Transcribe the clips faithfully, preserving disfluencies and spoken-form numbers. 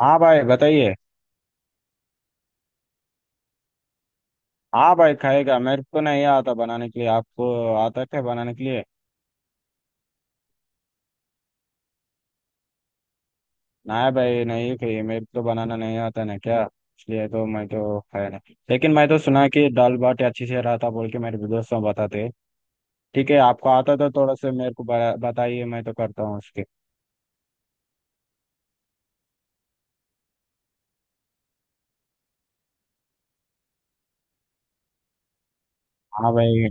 हाँ भाई बताइए। हाँ भाई खाएगा मेरे को नहीं आता बनाने के लिए। आपको आता क्या बनाने के लिए? नहीं भाई नहीं खाइए मेरे को बनाना नहीं आता ना क्या। इसलिए तो मैं तो खाया नहीं लेकिन मैं तो सुना कि दाल बाटी अच्छी से रहा था बोल के मेरे दोस्तों बताते। ठीक है आपको आता तो थोड़ा सा मेरे को बता- बताइए मैं तो करता हूँ उसके। हाँ भाई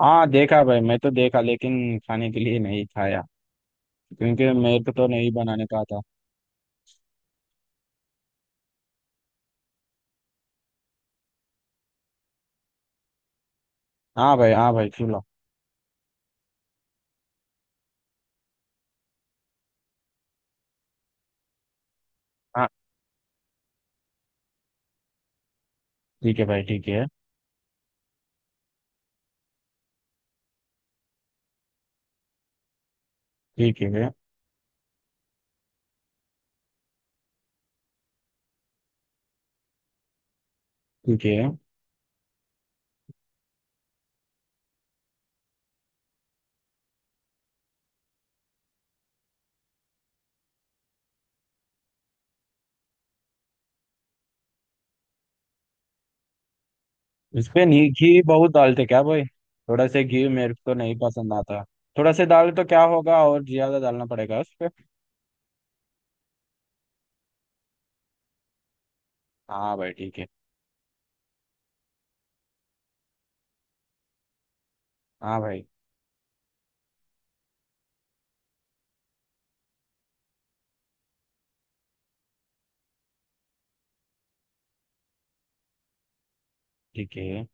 हाँ देखा भाई मैं तो देखा लेकिन खाने के लिए नहीं खाया। क्योंकि मेरे को तो नहीं बनाने का आता। हाँ भाई हाँ भाई सुनो। हाँ ठीक है भाई। ठीक है। ठीक है। ठीक है। इस पे नहीं घी बहुत डालते क्या भाई? थोड़ा से घी मेरे को तो नहीं पसंद आता। थोड़ा से डाल तो क्या होगा और ज्यादा डालना पड़ेगा उस पे। हाँ भाई ठीक है। हाँ भाई ठीक है।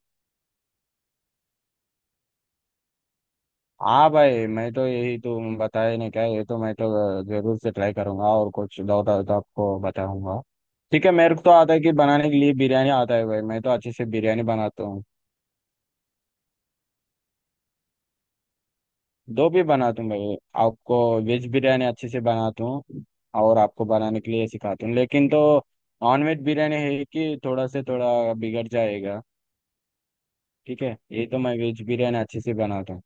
हाँ भाई मैं तो यही तो बताया नहीं क्या? ये तो मैं तो जरूर से ट्राई करूंगा और कुछ डाउट आए तो आपको बताऊंगा। ठीक है मेरे को तो आता है कि बनाने के लिए बिरयानी आता है भाई मैं तो अच्छे से बिरयानी बनाता हूँ। दो भी बनाता हूँ भाई। आपको वेज बिरयानी अच्छे से बनाता हूँ। और आपको बनाने के लिए सिखाता हूँ लेकिन तो नॉन वेज बिरयानी है कि थोड़ा से थोड़ा बिगड़ जाएगा। ठीक है ये तो मैं वेज बिरयानी अच्छे से बनाता हूँ।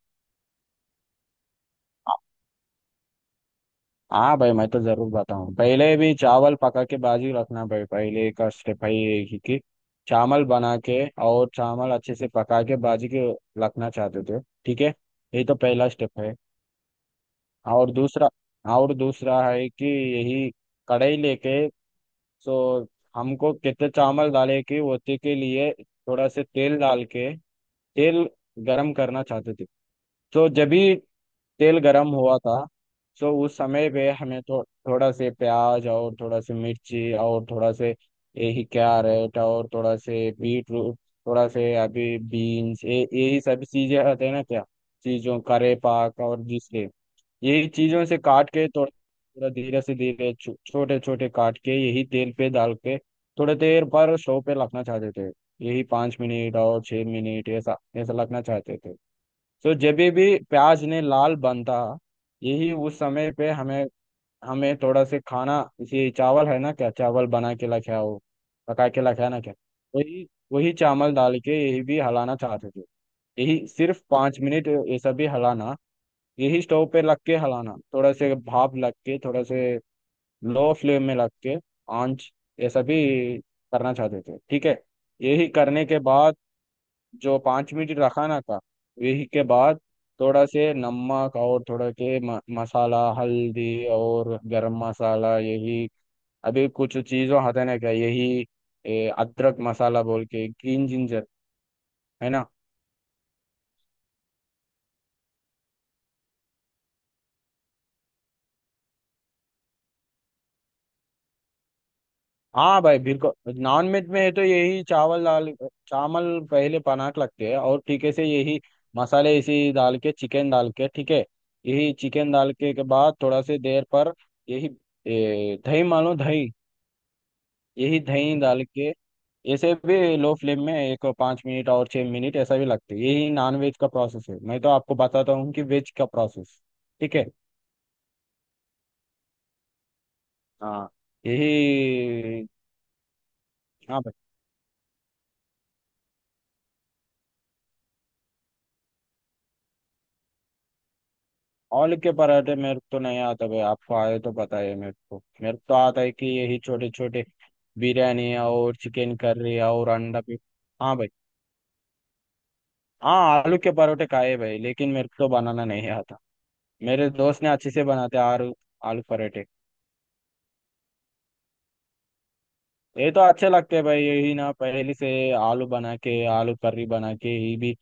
हाँ भाई मैं तो जरूर बताऊँ पहले भी चावल पका के बाजू रखना भाई पहले का स्टेप है ये कि कि चावल बना के और चावल अच्छे से पका के बाजू के रखना चाहते थे। ठीक है ये तो पहला स्टेप है। और दूसरा और दूसरा है कि यही कढ़ाई लेके तो हमको कितने चावल डाले कि होते के लिए थोड़ा से तेल डाल के तेल गरम करना चाहते थे। तो जब भी तेल गरम हुआ था तो उस समय पे हमें तो थोड़ा से प्याज और थोड़ा से मिर्ची और थोड़ा से यही कैरेट और थोड़ा से बीट रूट थोड़ा से अभी बीन्स ये यही सब चीजें आते हैं ना क्या। चीजों करे पाक और जिसके यही चीजों से काट के थोड़ा थोड़ा धीरे से धीरे छो- छोटे छोटे काट के यही तेल पे डाल के थोड़े देर पर स्टोव पे रखना चाहते थे। यही पाँच मिनट और छह मिनट ऐसा ऐसा रखना चाहते थे। तो जब भी प्याज ने लाल बनता यही उस समय पे हमें हमें थोड़ा से खाना इसे चावल है ना क्या? चावल बना के रखा हो पका के रखा है ना क्या? वही वही चावल डाल के यही भी हलाना चाहते थे। यही सिर्फ पाँच मिनट ऐसा भी हलाना यही स्टोव पे लग के हलाना थोड़ा से भाप लग के थोड़ा से लो फ्लेम में लग के आंच ये सभी करना चाहते थे। ठीक है। यही करने के बाद जो पाँच मिनट रखाना था यही के बाद थोड़ा से नमक और थोड़ा के म, मसाला हल्दी और गरम मसाला यही अभी कुछ चीज़ों हटाने का यही ए, अदरक मसाला बोल के ग्रीन जिंजर है ना। हाँ भाई बिल्कुल। नॉन वेज में है तो यही चावल दाल चावल पहले पनाक लगते हैं और ठीके से यही मसाले इसी डाल के चिकन डाल के ठीक है यही चिकन डाल के के बाद थोड़ा से देर पर यही ए, दही मानो दही यही दही डाल के ऐसे भी लो फ्लेम में एक पाँच मिनट और छः मिनट ऐसा भी लगते है यही नॉन वेज का प्रोसेस है मैं तो आपको बताता हूँ कि वेज का प्रोसेस। ठीक है। हाँ यही। हाँ भाई आलू के पराठे मेरे को तो नहीं आता भाई आपको आए तो बताइए मेरे को मेरे को तो आता है कि यही छोटे छोटे बिरयानी और चिकन करी और अंडा भी। हाँ भाई। हाँ आलू के पराठे खाए भाई लेकिन मेरे को तो बनाना नहीं आता। मेरे दोस्त ने अच्छे से बनाते आलू। आलू पराठे ये तो अच्छे लगते हैं भाई यही ना पहले से आलू बना के आलू करी बना के ये भी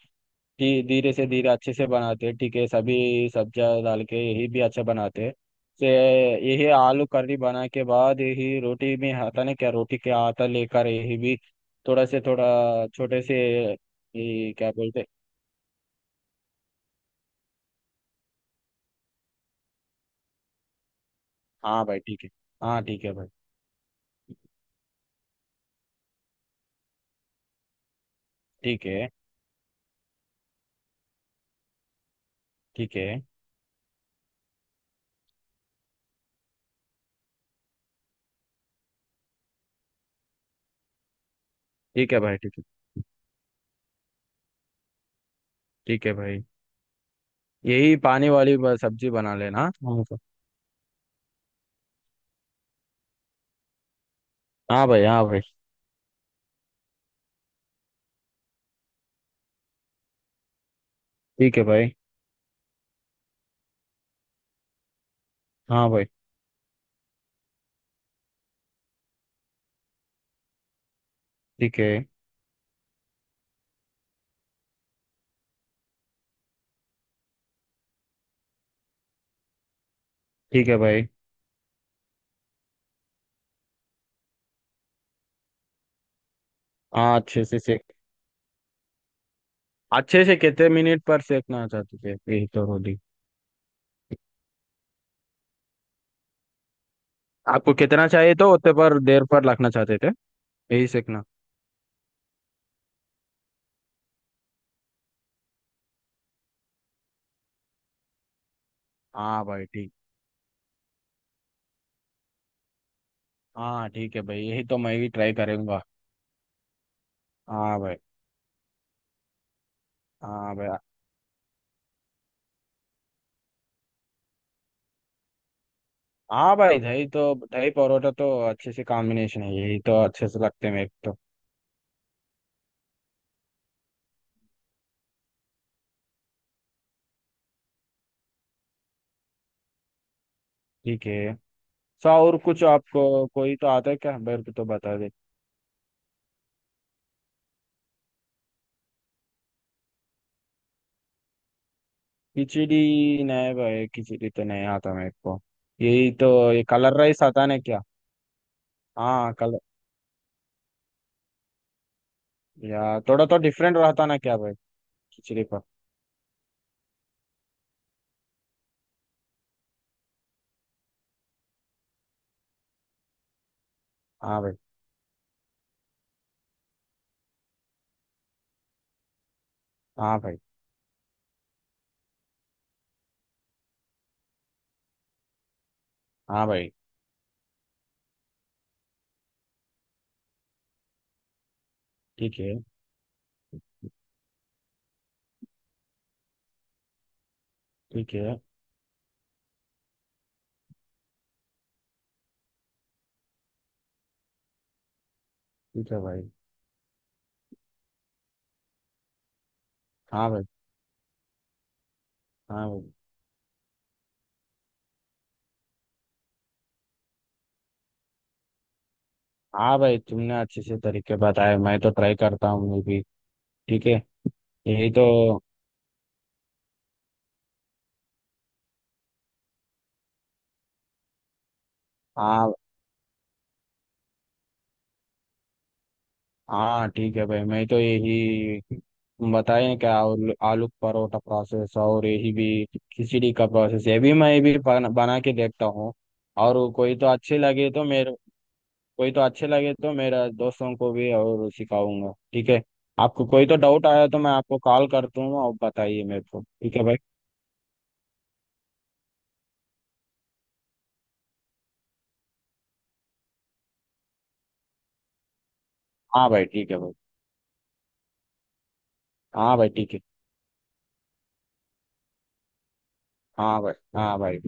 धी- धीरे से धीरे अच्छे से बनाते हैं। ठीक है सभी सब्जियाँ डाल के यही भी अच्छा बनाते हैं से यही आलू करी बना के बाद यही रोटी में आता ना क्या? रोटी के आटा लेकर यही भी थोड़ा से थोड़ा छोटे से ये क्या बोलते? हाँ भाई ठीक है। हाँ ठीक है भाई। ठीक है। ठीक है। ठीक है भाई ठीक है। ठीक है भाई यही पानी वाली ब- सब्जी बना लेना हाँ भाई। हाँ भाई। हाँ भाई ठीक है भाई। हाँ भाई ठीक है। ठीक है भाई हाँ अच्छे से से अच्छे से कितने मिनट पर सेकना चाहते थे यही तो रोटी। आपको कितना चाहिए तो उतने पर देर पर रखना चाहते थे यही सेकना। हाँ भाई ठीक। हाँ ठीक है भाई यही तो मैं भी ट्राई करूंगा। हाँ भाई। हाँ भाई। हाँ भाई दही तो दही परोठा तो अच्छे से कॉम्बिनेशन है यही तो अच्छे से लगते हैं मेरे को तो। ठीक है सो और कुछ आपको कोई तो आता है क्या? मेरे को तो बता दे। खिचड़ी नहीं भाई खिचड़ी तो नहीं आता मेरे को। यही तो ये कलर राइस आता ना क्या? हाँ कलर या थोड़ा तो डिफरेंट रहता ना क्या भाई खिचड़ी पर? हाँ भाई। हाँ भाई। हाँ भाई ठीक है। ठीक है। ठीक है भाई। हाँ भाई। हाँ भाई। हाँ भाई तुमने अच्छे से तरीके बताए मैं तो ट्राई करता हूँ मैं भी। ठीक है यही तो। हाँ हाँ ठीक है भाई मैं तो यही तुम बताए क्या आलू आलू परोठा प्रोसेस और यही भी खिचड़ी का प्रोसेस ये भी मैं भी बना बना के देखता हूँ। और कोई तो अच्छी लगे तो मेरे कोई तो अच्छे लगे तो मेरा दोस्तों को भी और सिखाऊंगा ठीक है। आपको कोई तो डाउट आया तो मैं आपको कॉल कर दूंगा और बताइए मेरे को ठीक है भाई। हाँ भाई। ठीक है भाई। हाँ भाई ठीक है। हाँ भाई। हाँ भाई।